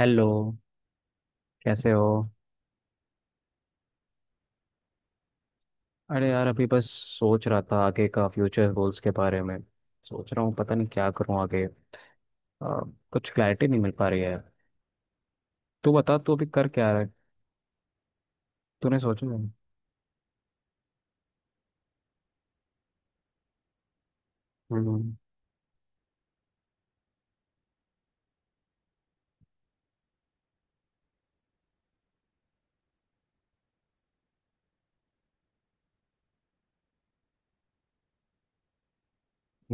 Hello. कैसे हो? अरे यार, अभी बस सोच रहा था आगे का फ्यूचर गोल्स के बारे में। सोच रहा हूँ पता नहीं क्या करूँ आगे। आ, कुछ क्लैरिटी नहीं मिल पा रही है। तू बता, तू अभी कर क्या रहा है? तूने सोचा है? हम्म।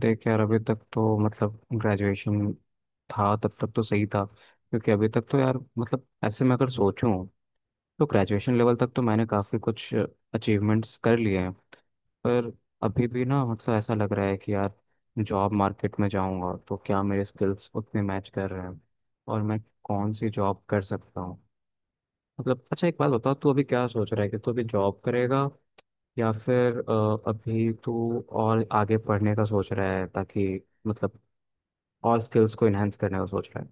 देख यार, अभी तक तो मतलब ग्रेजुएशन था तब तक तो सही था, क्योंकि अभी तक तो यार मतलब ऐसे मैं अगर सोचूं तो ग्रेजुएशन लेवल तक तो मैंने काफ़ी कुछ अचीवमेंट्स कर लिए हैं। पर अभी भी ना मतलब ऐसा लग रहा है कि यार जॉब मार्केट में जाऊंगा तो क्या मेरे स्किल्स उतने मैच कर रहे हैं, और मैं कौन सी जॉब कर सकता हूँ? मतलब अच्छा, एक बात बता, तू अभी क्या सोच रहा है, कि तू अभी जॉब करेगा या फिर अभी तू और आगे पढ़ने का सोच रहा है ताकि मतलब और स्किल्स को इनहेंस करने का सोच रहा है?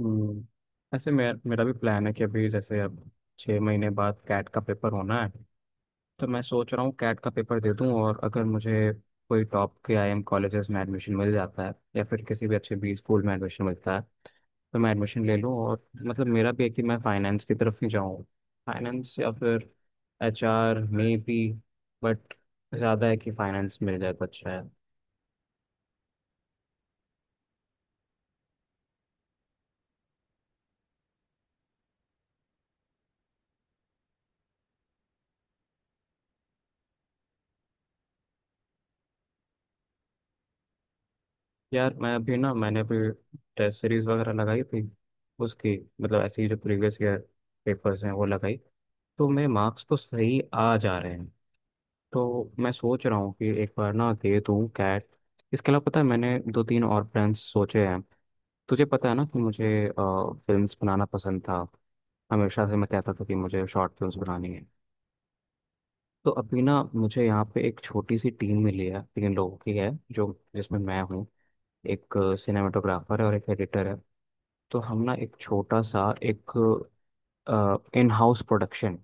हम्म। ऐसे मेरा मेरा भी प्लान है कि अभी जैसे अब 6 महीने बाद कैट का पेपर होना है। तो मैं सोच रहा हूँ कैट का पेपर दे दूँ, और अगर मुझे कोई टॉप के आईएम कॉलेजेस में एडमिशन मिल जाता है या फिर किसी भी अच्छे बी स्कूल में एडमिशन मिलता है तो मैं एडमिशन ले लूँ। और मतलब मेरा भी है कि मैं फाइनेंस की तरफ ही जाऊँ। फाइनेंस या फिर H R maybe. But ज़्यादा है कि फाइनेंस मिल जाए तो अच्छा है। यार मैं अभी ना, मैंने अभी टेस्ट सीरीज वगैरह लगाई थी उसकी, मतलब ऐसे ही जो प्रीवियस ईयर पेपर्स हैं वो लगाई, तो मेरे मार्क्स तो सही आ जा रहे हैं। तो मैं सोच रहा हूँ कि एक बार ना दे दूँ कैट। इसके अलावा पता है मैंने दो तीन और ब्रांड्स सोचे हैं। तुझे पता है ना कि मुझे फिल्म्स बनाना पसंद था? हमेशा से मैं कहता था कि मुझे शॉर्ट फिल्म्स बनानी है। तो अभी ना मुझे यहाँ पे एक छोटी सी टीम मिली है, तीन लोगों की है, जो जिसमें मैं हूँ, एक सिनेमाटोग्राफर है और एक एडिटर है। तो हम ना एक छोटा सा एक इन हाउस प्रोडक्शन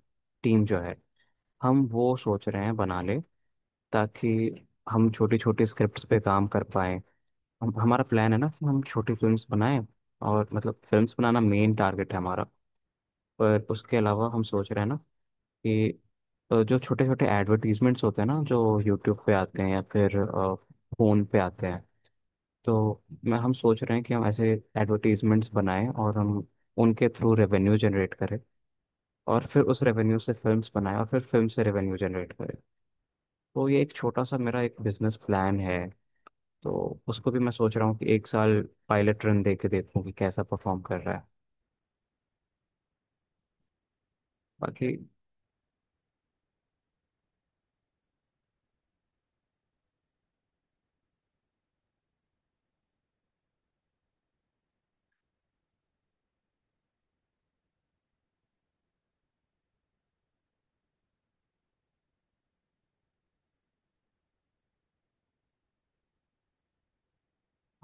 टीम जो है, हम वो सोच रहे हैं बनाने, ताकि हम छोटी छोटी स्क्रिप्ट्स पे काम कर पाएं। हम हमारा प्लान है ना कि हम छोटी फिल्म्स बनाएं, और मतलब फिल्म्स बनाना मेन टारगेट है हमारा। पर उसके अलावा हम सोच रहे हैं ना कि जो छोटे छोटे एडवर्टीजमेंट्स होते हैं ना, जो यूट्यूब पे आते हैं या फिर फ़ोन पे आते हैं, तो मैं हम सोच रहे हैं कि हम ऐसे एडवर्टीजमेंट्स बनाएं और हम उनके थ्रू रेवेन्यू जनरेट करें, और फिर उस रेवेन्यू से फिल्म्स बनाएं और फिर फिल्म से रेवेन्यू जनरेट करें। तो ये एक छोटा सा मेरा एक बिजनेस प्लान है। तो उसको भी मैं सोच रहा हूँ कि एक साल पायलट रन दे के देखूँ कि कैसा परफॉर्म कर रहा है। बाकी,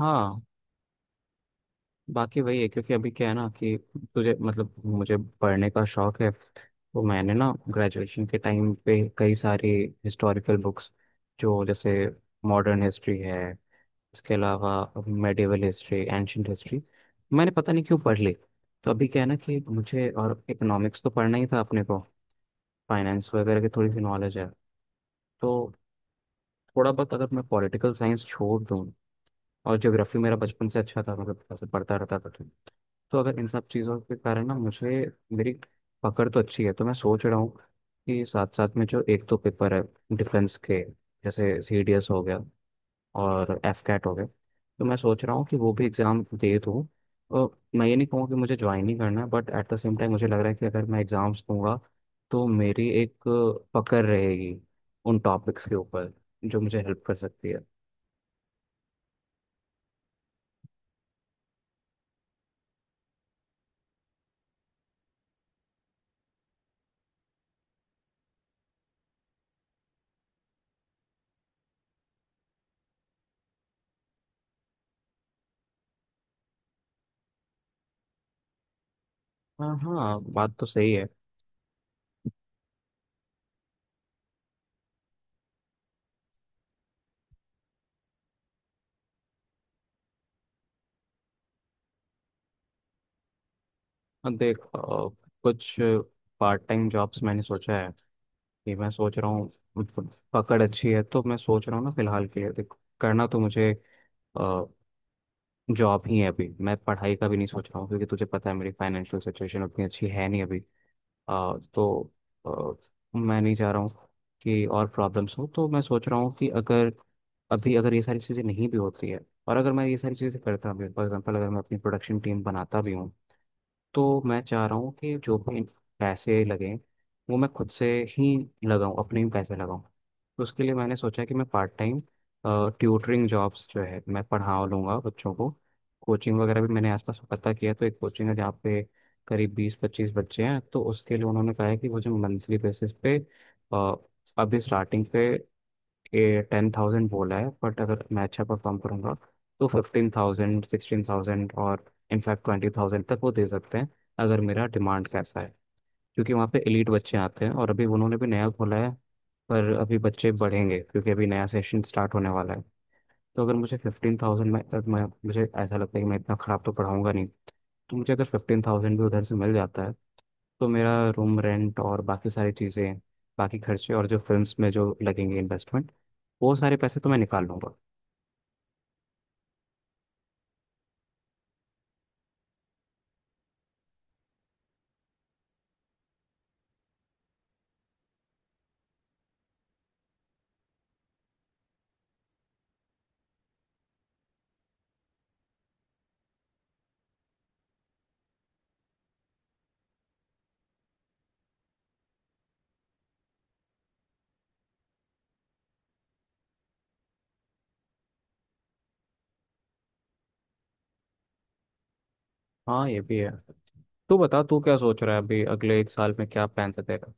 हाँ, बाकी वही है क्योंकि अभी क्या है ना कि तुझे मतलब मुझे पढ़ने का शौक है, तो मैंने ना ग्रेजुएशन के टाइम पे कई सारी हिस्टोरिकल बुक्स, जो जैसे मॉडर्न हिस्ट्री है, इसके अलावा मेडिवल हिस्ट्री, एंशंट हिस्ट्री, मैंने पता नहीं क्यों पढ़ ली। तो अभी क्या है ना कि मुझे और इकोनॉमिक्स तो पढ़ना ही था अपने को, फाइनेंस वगैरह की थोड़ी सी नॉलेज है, तो थोड़ा बहुत, अगर मैं पॉलिटिकल साइंस छोड़ दूँ, और ज्योग्राफी मेरा बचपन से अच्छा था, मतलब ऐसे पढ़ता रहता था, तो अगर इन सब चीज़ों के कारण ना मुझे, मेरी पकड़ तो अच्छी है, तो मैं सोच रहा हूँ कि साथ साथ में जो एक दो पेपर है डिफेंस के, जैसे सी डी एस हो गया और एफ कैट हो गया, तो मैं सोच रहा हूँ कि वो भी एग्ज़ाम दे दूँ। और मैं ये नहीं कहूँगा कि मुझे ज्वाइन ही करना है, but at the same time मुझे लग रहा है कि अगर मैं एग्ज़ाम्स दूंगा तो मेरी एक पकड़ रहेगी उन टॉपिक्स के ऊपर, जो मुझे हेल्प कर सकती है। हाँ हाँ, बात तो सही है। अब देख, कुछ पार्ट टाइम जॉब्स मैंने सोचा है कि, मैं सोच रहा हूँ, मतलब पकड़ अच्छी है, तो मैं सोच रहा हूँ ना फिलहाल के लिए, देख, करना तो मुझे जॉब ही है। अभी मैं पढ़ाई का भी नहीं सोच रहा हूँ क्योंकि तुझे पता है मेरी फाइनेंशियल सिचुएशन उतनी अच्छी है नहीं अभी। तो मैं नहीं चाह रहा हूँ कि और प्रॉब्लम्स हो। तो मैं सोच रहा हूँ कि अगर अभी अगर ये सारी चीज़ें नहीं भी होती है, और अगर मैं ये सारी चीज़ें करता भी, फॉर एग्जाम्पल अगर मैं अपनी प्रोडक्शन टीम बनाता भी हूँ, तो मैं चाह रहा हूँ कि जो भी पैसे लगें वो मैं खुद से ही लगाऊं, अपने ही पैसे लगाऊं। तो उसके लिए मैंने सोचा कि मैं पार्ट टाइम ट्यूटरिंग जॉब्स जो है, मैं पढ़ा लूँगा बच्चों को। कोचिंग वगैरह भी मैंने आसपास पता किया, तो एक कोचिंग है जहाँ पे करीब बीस पच्चीस बच्चे हैं, तो उसके लिए उन्होंने कहा है कि मुझे मंथली बेसिस पे अ, अभी स्टार्टिंग पे ये 10,000 बोला है, बट अगर मैं अच्छा परफॉर्म करूंगा तो 15,000, 16,000, और इनफैक्ट 20,000 तक वो दे सकते हैं, अगर मेरा डिमांड कैसा है। क्योंकि वहाँ पे एलीट बच्चे आते हैं और अभी उन्होंने भी नया खोला है, पर अभी बच्चे बढ़ेंगे क्योंकि अभी नया सेशन स्टार्ट होने वाला है। तो अगर मुझे फिफ्टीन थाउजेंड में, अगर मैं मुझे ऐसा लगता है कि मैं इतना ख़राब तो पढ़ाऊंगा नहीं, तो मुझे अगर 15,000 भी उधर से मिल जाता है तो मेरा रूम रेंट और बाकी सारी चीज़ें, बाकी खर्चे, और जो फिल्म्स में जो लगेंगे इन्वेस्टमेंट, वो सारे पैसे तो मैं निकाल लूंगा। हाँ, ये भी है। तू बता, तू क्या सोच रहा है अभी? अगले एक साल में क्या प्लान है तेरा?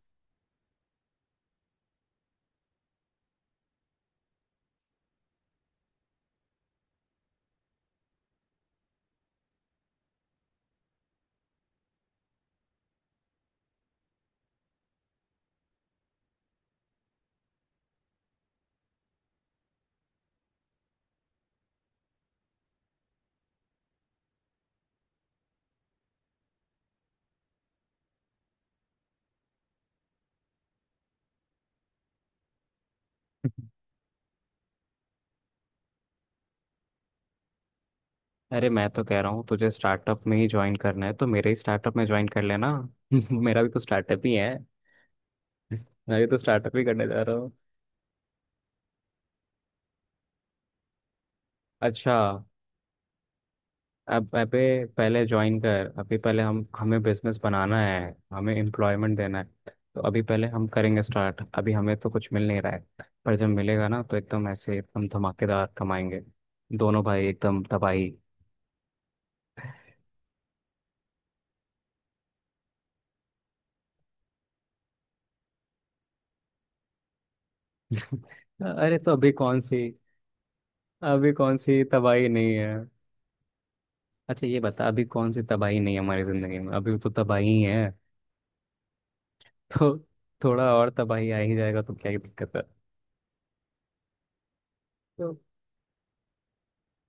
अरे, मैं तो कह रहा हूँ तुझे स्टार्टअप में ही ज्वाइन करना है तो मेरे ही स्टार्टअप में ज्वाइन कर लेना। मेरा भी तो स्टार्टअप ही है, मैं भी तो स्टार्टअप ही करने जा रहा हूँ। अच्छा। अब अबे पहले ज्वाइन कर। अभी पहले हम हमें बिजनेस बनाना है, हमें एम्प्लॉयमेंट देना है। तो अभी पहले हम करेंगे स्टार्ट, अभी हमें तो कुछ मिल नहीं रहा है, पर जब मिलेगा ना तो एकदम ऐसे एकदम धमाकेदार कमाएंगे। दोनों भाई एकदम तबाही। अरे तो अभी कौन सी तबाही नहीं है? अच्छा ये बता, अभी कौन सी तबाही नहीं है हमारी जिंदगी में? अभी तो तबाही है। तो थोड़ा और तबाही आ ही जाएगा तो क्या ही दिक्कत है? तो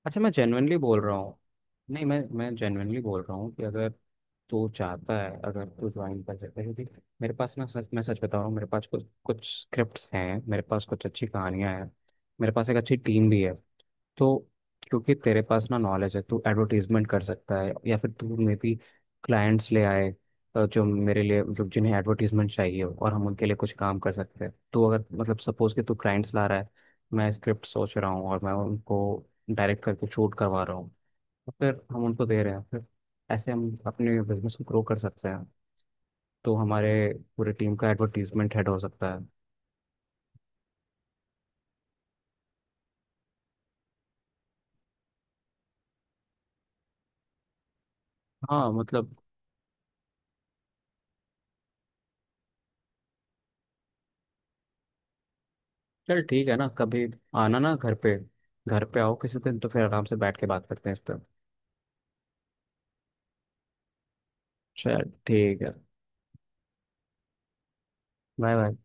अच्छा, मैं जेन्युइनली बोल रहा हूँ। नहीं, मैं जेन्युइनली बोल रहा हूँ कि अगर तू चाहता है, अगर तू ज्वाइन कर सकता है क्योंकि मेरे पास ना, सच, मैं सच बता रहा हूँ, मेरे पास कुछ कुछ स्क्रिप्ट्स हैं, मेरे पास कुछ अच्छी कहानियाँ हैं, मेरे पास एक अच्छी टीम भी है। तो क्योंकि तेरे पास ना नॉलेज है, तू एडवर्टीजमेंट कर सकता है या फिर तू मे भी क्लाइंट्स ले आए, जो मेरे लिए, मतलब जिन्हें एडवर्टीजमेंट चाहिए हो, और हम उनके लिए कुछ काम कर सकते हैं। तू अगर मतलब सपोज कि तू क्लाइंट्स ला रहा है, मैं स्क्रिप्ट सोच रहा हूँ और मैं उनको डायरेक्ट करके शूट करवा रहा हूँ, और फिर हम उनको दे रहे हैं, फिर ऐसे हम अपने बिजनेस को ग्रो कर सकते हैं। तो हमारे पूरे टीम का एडवर्टीजमेंट हेड हो सकता है। हाँ मतलब, चल ठीक है ना, कभी आना ना घर पे। घर पे आओ किसी दिन तो फिर आराम से बैठ के बात करते हैं इस पर। चल ठीक है। Bye bye.